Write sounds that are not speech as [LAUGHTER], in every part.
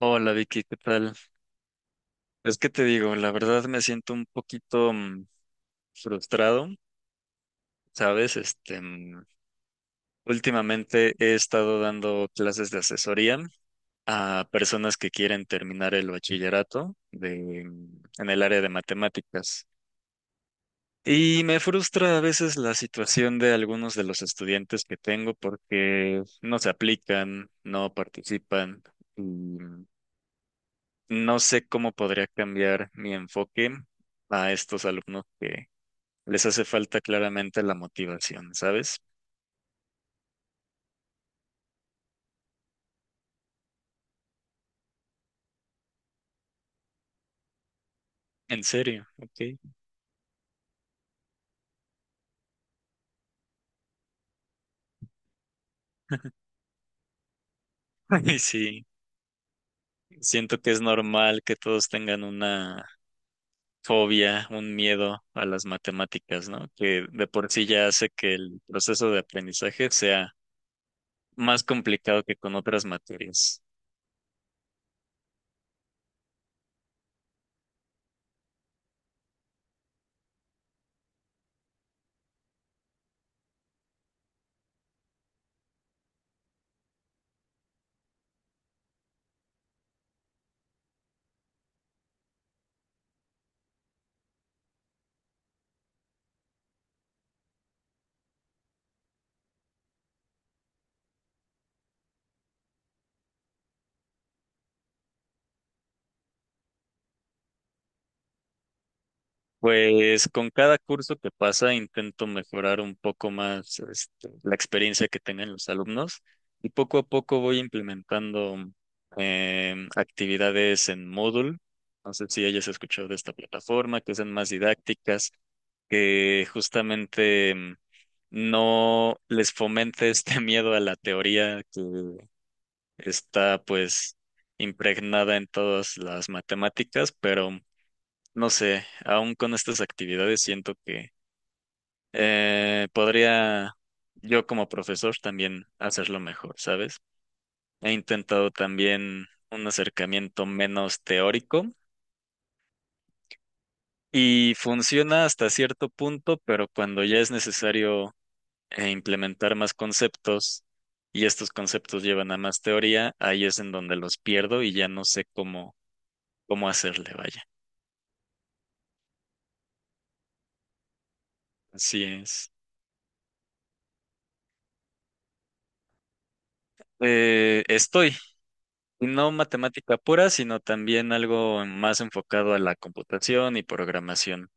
Hola Vicky, ¿qué tal? Es que te digo, la verdad me siento un poquito frustrado, ¿sabes? Últimamente he estado dando clases de asesoría a personas que quieren terminar el bachillerato en el área de matemáticas. Y me frustra a veces la situación de algunos de los estudiantes que tengo porque no se aplican, no participan. No sé cómo podría cambiar mi enfoque a estos alumnos que les hace falta claramente la motivación, ¿sabes? En serio, ok. [LAUGHS] Y sí, siento que es normal que todos tengan una fobia, un miedo a las matemáticas, ¿no? Que de por sí ya hace que el proceso de aprendizaje sea más complicado que con otras materias. Pues con cada curso que pasa intento mejorar un poco más este, la experiencia que tengan los alumnos y poco a poco voy implementando actividades en Moodle. No sé si hayas escuchado de esta plataforma, que sean más didácticas, que justamente no les fomente este [LAUGHS] miedo a la teoría que está pues impregnada en todas las matemáticas, pero no sé, aún con estas actividades siento que podría yo como profesor también hacerlo mejor, ¿sabes? He intentado también un acercamiento menos teórico y funciona hasta cierto punto, pero cuando ya es necesario implementar más conceptos y estos conceptos llevan a más teoría, ahí es en donde los pierdo y ya no sé cómo, cómo hacerle, vaya. Así es. Estoy No matemática pura, sino también algo más enfocado a la computación y programación.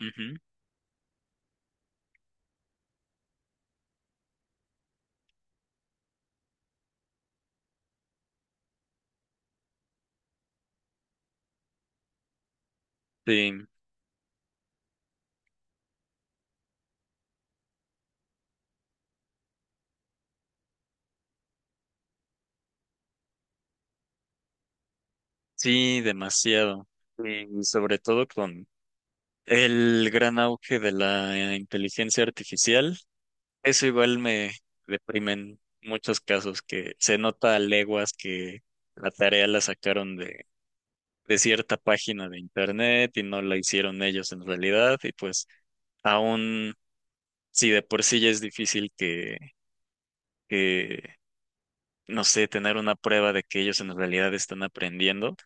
Ujú. Sí, sí, demasiado. Sí, y sobre todo con el gran auge de la inteligencia artificial, eso igual me deprime en muchos casos que se nota a leguas que la tarea la sacaron de cierta página de internet y no la hicieron ellos en realidad y pues aún si de por sí ya es difícil que no sé, tener una prueba de que ellos en realidad están aprendiendo,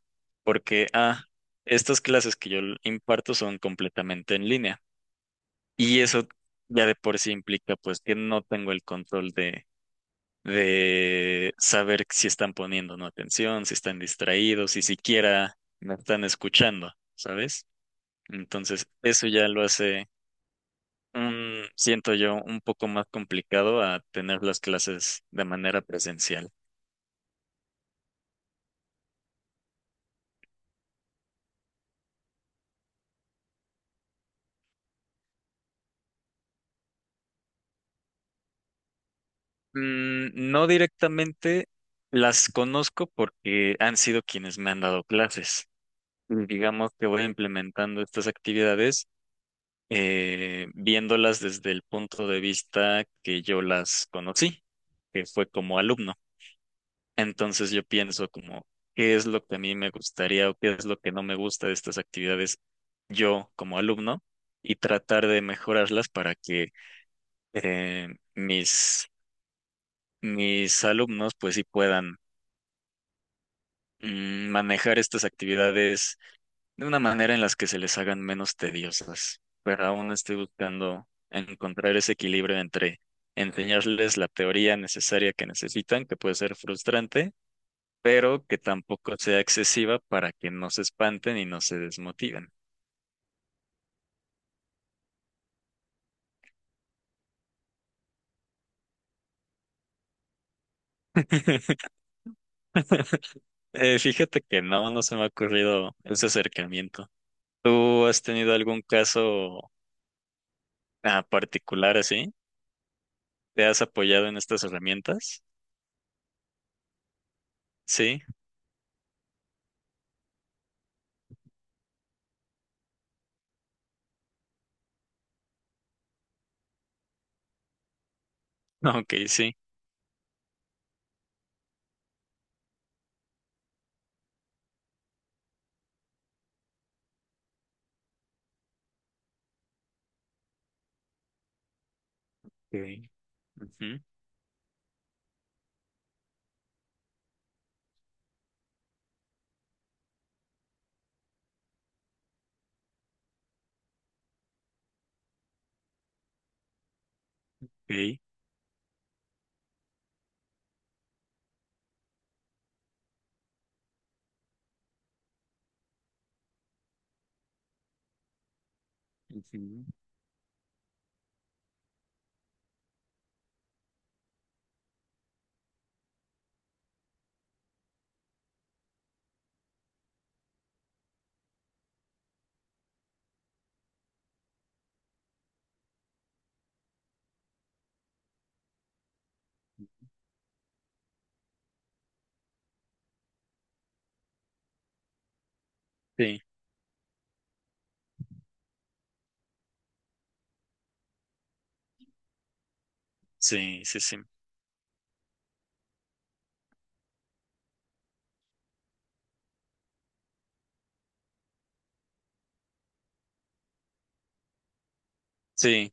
porque, ah, estas clases que imparto son completamente en línea. Y eso ya de por sí implica, pues, que no tengo el control de saber si están poniendo o no atención, si están distraídos, si siquiera me están escuchando, ¿sabes? Entonces, eso ya lo hace un, siento yo, un poco más complicado a tener las clases de manera presencial. Mm, no directamente las conozco porque han sido quienes me han dado clases. Y digamos que voy implementando estas actividades viéndolas desde el punto de vista que yo las conocí, que fue como alumno. Entonces yo pienso como, ¿qué es lo que a mí me gustaría o qué es lo que no me gusta de estas actividades yo como alumno? Y tratar de mejorarlas para que eh, mis, mis alumnos pues sí puedan manejar estas actividades de una manera en las que se les hagan menos tediosas, pero aún estoy buscando encontrar ese equilibrio entre enseñarles la teoría necesaria que necesitan, que puede ser frustrante, pero que tampoco sea excesiva para que no se espanten y no se desmotiven. [LAUGHS] Fíjate que no, no se me ha ocurrido ese acercamiento. ¿Tú has tenido algún caso particular así? ¿Te has apoyado en estas herramientas? Sí, [LAUGHS] ok, sí. Okay. Ujú, ok, ujú, sí, sí, sí, sí, sí,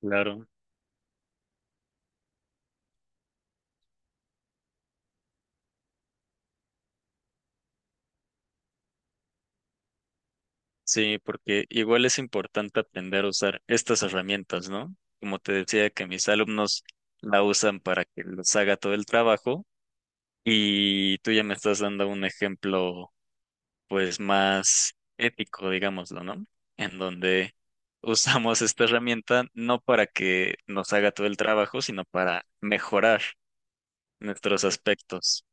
claro, sí, porque igual es importante aprender a usar estas herramientas, ¿no? Como te decía, que mis alumnos la usan para que les haga todo el trabajo y tú ya me estás dando un ejemplo, pues, más ético, digámoslo, ¿no? En donde [LAUGHS] usamos esta herramienta no para que nos haga todo el trabajo, sino para mejorar nuestros aspectos.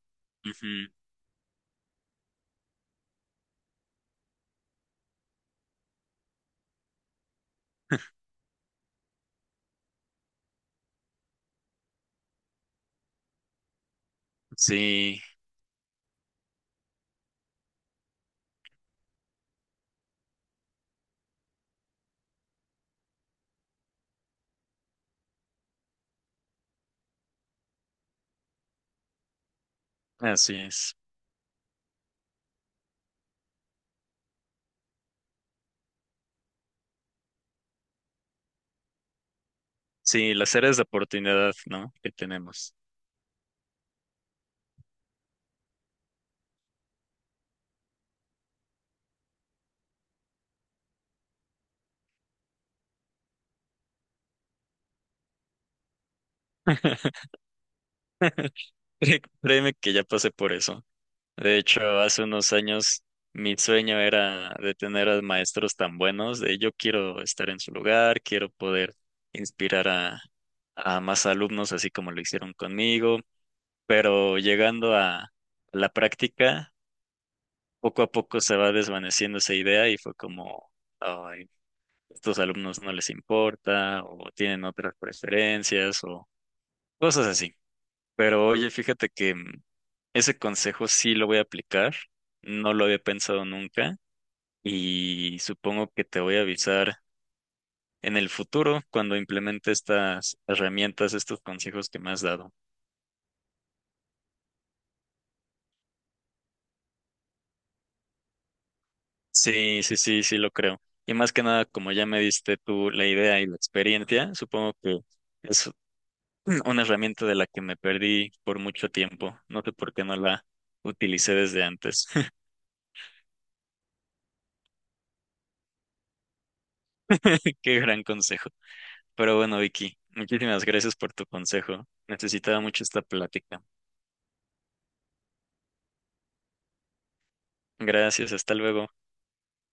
Sí, así es. Sí, las áreas de oportunidad, ¿no? Que tenemos. [LAUGHS] Créeme que ya pasé por eso. De hecho, hace unos años mi sueño era de tener a maestros tan buenos, de yo quiero estar en su lugar, quiero poder inspirar a más alumnos, así como lo hicieron conmigo, pero llegando a la práctica, poco a poco se va desvaneciendo esa idea y fue como, "Ay, estos alumnos no les importa o tienen otras preferencias o cosas así." Pero oye, fíjate que ese consejo sí lo voy a aplicar, no lo había pensado nunca y supongo que te voy a avisar en el futuro cuando implemente estas herramientas, estos consejos que me has dado. Sí, sí, sí, sí lo creo. Y más que nada, como ya me diste tú la idea y la experiencia, supongo que es [LAUGHS] [CLEARS THROAT] una herramienta de la que me perdí por mucho tiempo. No sé por qué no la utilicé desde antes. [LAUGHS] Qué gran consejo. Pero bueno, Vicky, muchísimas gracias por tu consejo. Necesitaba mucho esta plática. Gracias, hasta luego.